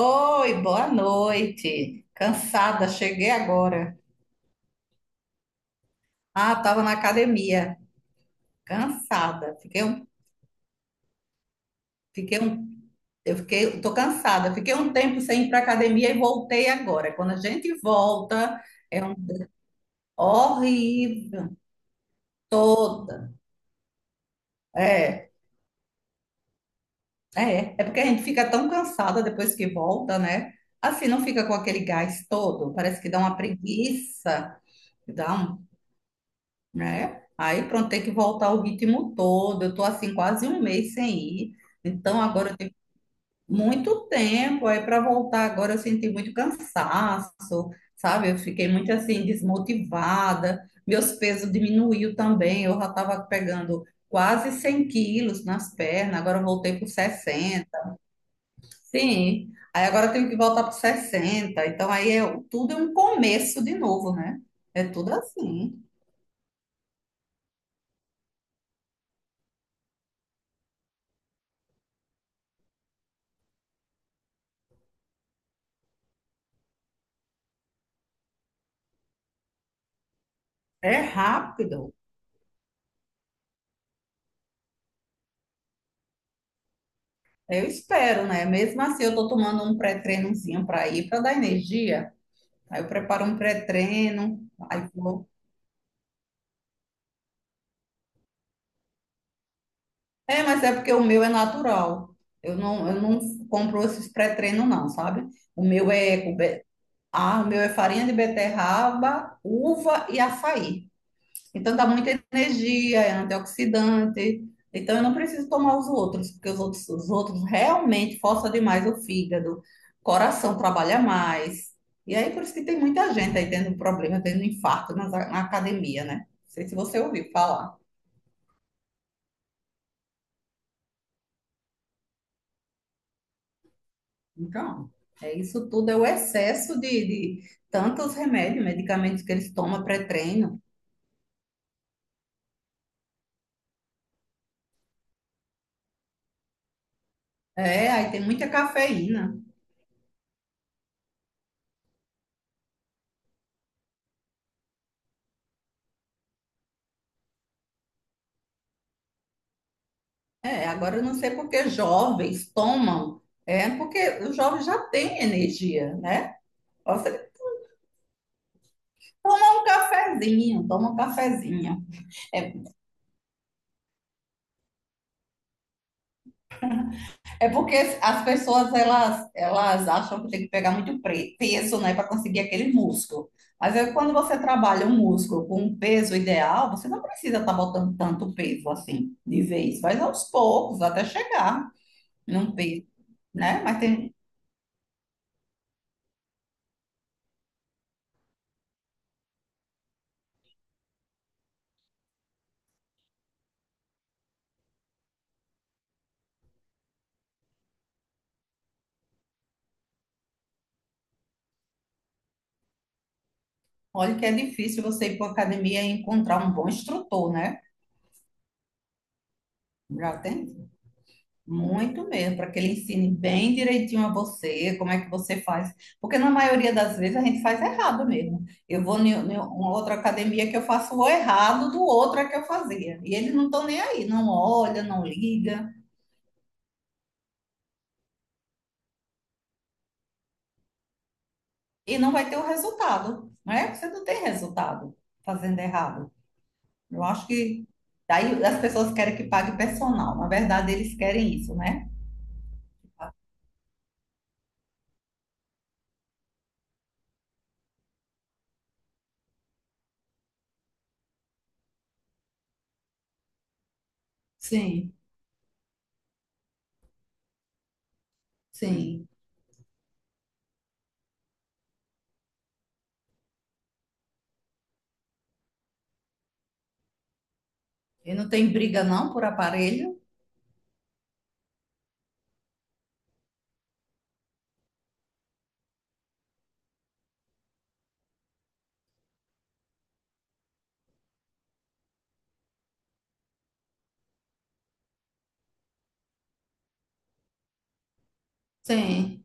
Oi, boa noite. Cansada, cheguei agora. Ah, estava na academia, cansada. Fiquei um, eu fiquei, tô cansada. Fiquei um tempo sem ir para academia e voltei agora. Quando a gente volta, é horrível toda. É, é, é porque a gente fica tão cansada depois que volta, né? Assim não fica com aquele gás todo, parece que dá uma preguiça, dá um né? Aí pronto, tem que voltar o ritmo todo. Eu tô assim quase um mês sem ir. Então agora eu tenho muito tempo aí para voltar. Agora eu senti muito cansaço, sabe? Eu fiquei muito assim desmotivada. Meus pesos diminuiu também. Eu já estava pegando quase 100 quilos nas pernas. Agora eu voltei para 60. Sim. Aí agora eu tenho que voltar para 60. Então aí é tudo é um começo de novo, né? É tudo assim. É rápido. Eu espero, né? Mesmo assim, eu tô tomando um pré-treinozinho para ir, para dar energia. Aí eu preparo um pré-treino, aí vou. É, mas é porque o meu é natural. Eu não compro esses pré-treinos, não, sabe? O meu é, com be- o meu é farinha de beterraba, uva e açaí. Então dá muita energia, é antioxidante. Então eu não preciso tomar os outros, porque os outros realmente forçam demais o fígado, o coração trabalha mais. E aí por isso que tem muita gente aí tendo problema, tendo infarto na academia, né? Não sei se você ouviu falar. Então, é isso tudo é o excesso de tantos remédios, medicamentos que eles tomam pré-treino. É, aí tem muita cafeína. É, agora eu não sei porque jovens tomam, é porque o jovem já tem energia, né? Você toma um cafezinho, toma um cafezinho. É, é porque as pessoas elas, elas acham que tem que pegar muito peso, né, para conseguir aquele músculo. Mas é quando você trabalha um músculo com um peso ideal, você não precisa estar botando tanto peso assim de vez, vai aos poucos até chegar num peso, né? Mas tem. Olha que é difícil você ir para a academia e encontrar um bom instrutor, né? Já tem muito mesmo, para que ele ensine bem direitinho a você, como é que você faz. Porque na maioria das vezes a gente faz errado mesmo. Eu vou em uma outra academia que eu faço o errado do outro é que eu fazia. E eles não estão nem aí, não olha, não liga, e não vai ter o resultado, né? Você não tem resultado fazendo errado. Eu acho que daí as pessoas querem que pague personal. Na verdade, eles querem isso, né? Sim. Sim. E não tem briga não por aparelho? Sim.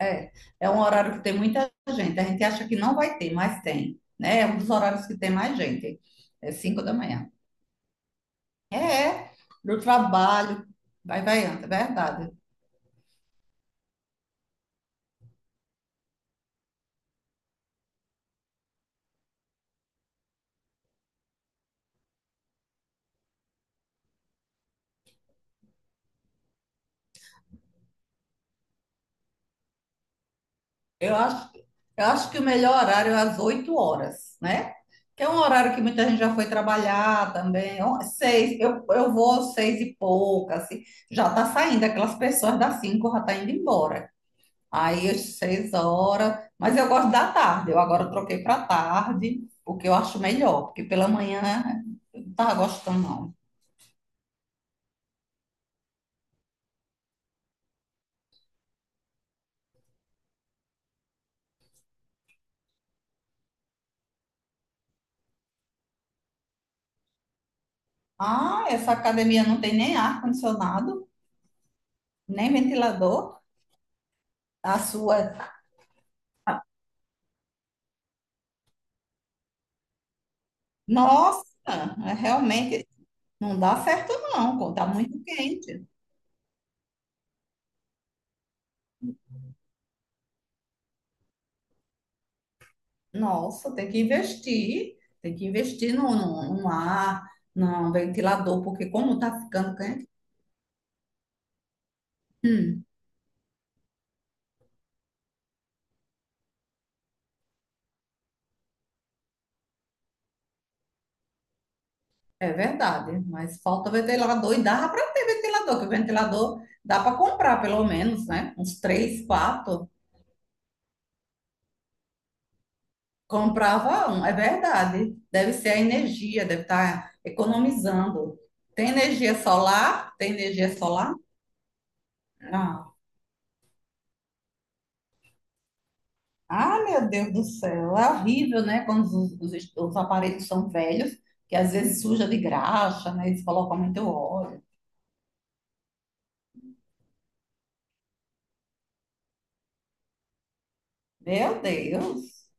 É, é um horário que tem muita gente. A gente acha que não vai ter, mas tem, né? É um dos horários que tem mais gente. É 5 da manhã. É, é. Do trabalho. Vai, vai, anda, é verdade. Eu acho, eu acho que o melhor horário é às 8 horas, né? Que é um horário que muita gente já foi trabalhar também. Eu vou às 6 e pouca, assim. Já tá saindo, aquelas pessoas das 5 já tá indo embora. Aí às 6 horas, mas eu gosto da tarde. Eu agora troquei para tarde, porque eu acho melhor, porque pela manhã eu não tava gostando, não. Ah, essa academia não tem nem ar-condicionado, nem ventilador. A sua, nossa, é realmente não dá certo, não, pô, tá muito quente. Nossa, tem que investir num no, no, no ar, no ventilador, porque como está ficando quente. hum, É verdade, mas falta ventilador e dava para ter ventilador, que o ventilador dá para comprar pelo menos, né? Uns três, quatro. Comprava um, é verdade. Deve ser a energia, deve estar economizando. Tem energia solar? Tem energia solar? Ah, ah, meu Deus do céu, é horrível, né? Quando os aparelhos são velhos, que às vezes suja de graxa, né? Eles colocam muito óleo. Meu Deus.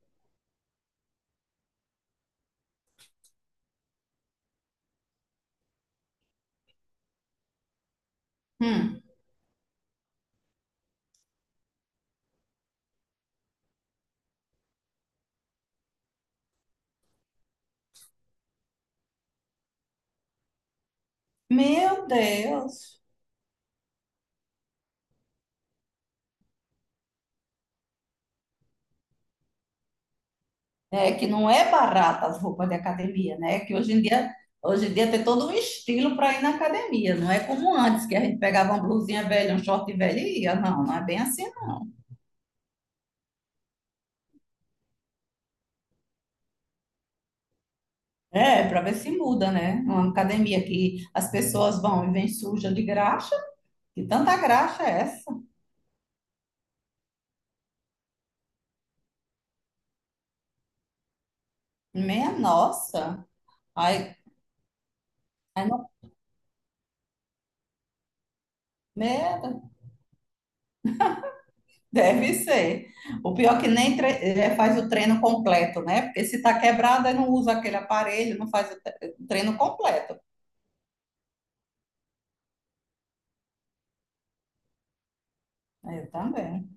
Hum. Meu Deus. Né? Que não é barata as roupas de academia, né? Que hoje em dia tem todo um estilo para ir na academia. Não é como antes, que a gente pegava uma blusinha velha, um short velho e ia. Não, não é bem assim, não. É, para ver se muda, né? Uma academia que as pessoas vão e vêm suja de graxa. Que tanta graxa é essa? Meia nossa. Ai, ai não, merda. Deve ser. O pior é que nem faz o treino completo, né? Porque se tá quebrada, não usa aquele aparelho, não faz o treino completo. Eu também.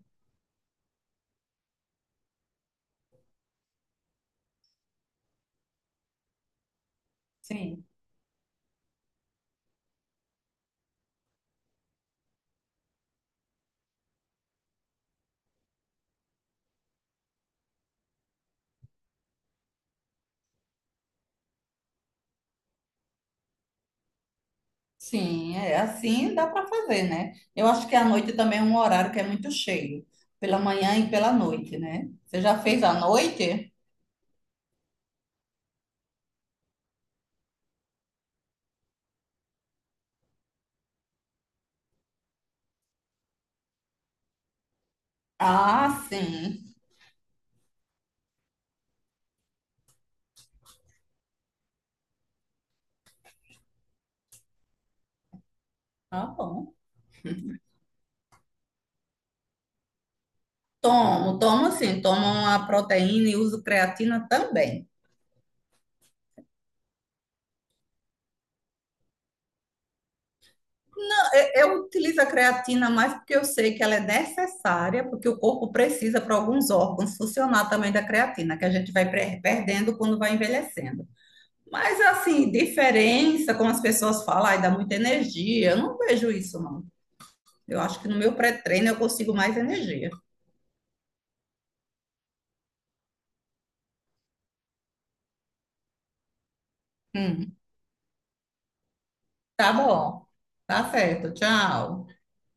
Sim, sim, é assim dá para fazer, né? Eu acho que a noite também é um horário que é muito cheio, pela manhã e pela noite, né? Você já fez à noite? Ah, sim. Tá bom. Tomo, tomo sim, tomo uma proteína e uso creatina também. Eu utilizo a creatina mais porque eu sei que ela é necessária, porque o corpo precisa para alguns órgãos funcionar também da creatina, que a gente vai perdendo quando vai envelhecendo. Mas assim, diferença, como as pessoas falam, ai, dá muita energia. Eu não vejo isso, não. Eu acho que no meu pré-treino eu consigo mais energia. Hum. Tá bom. Tá certo. Tchau.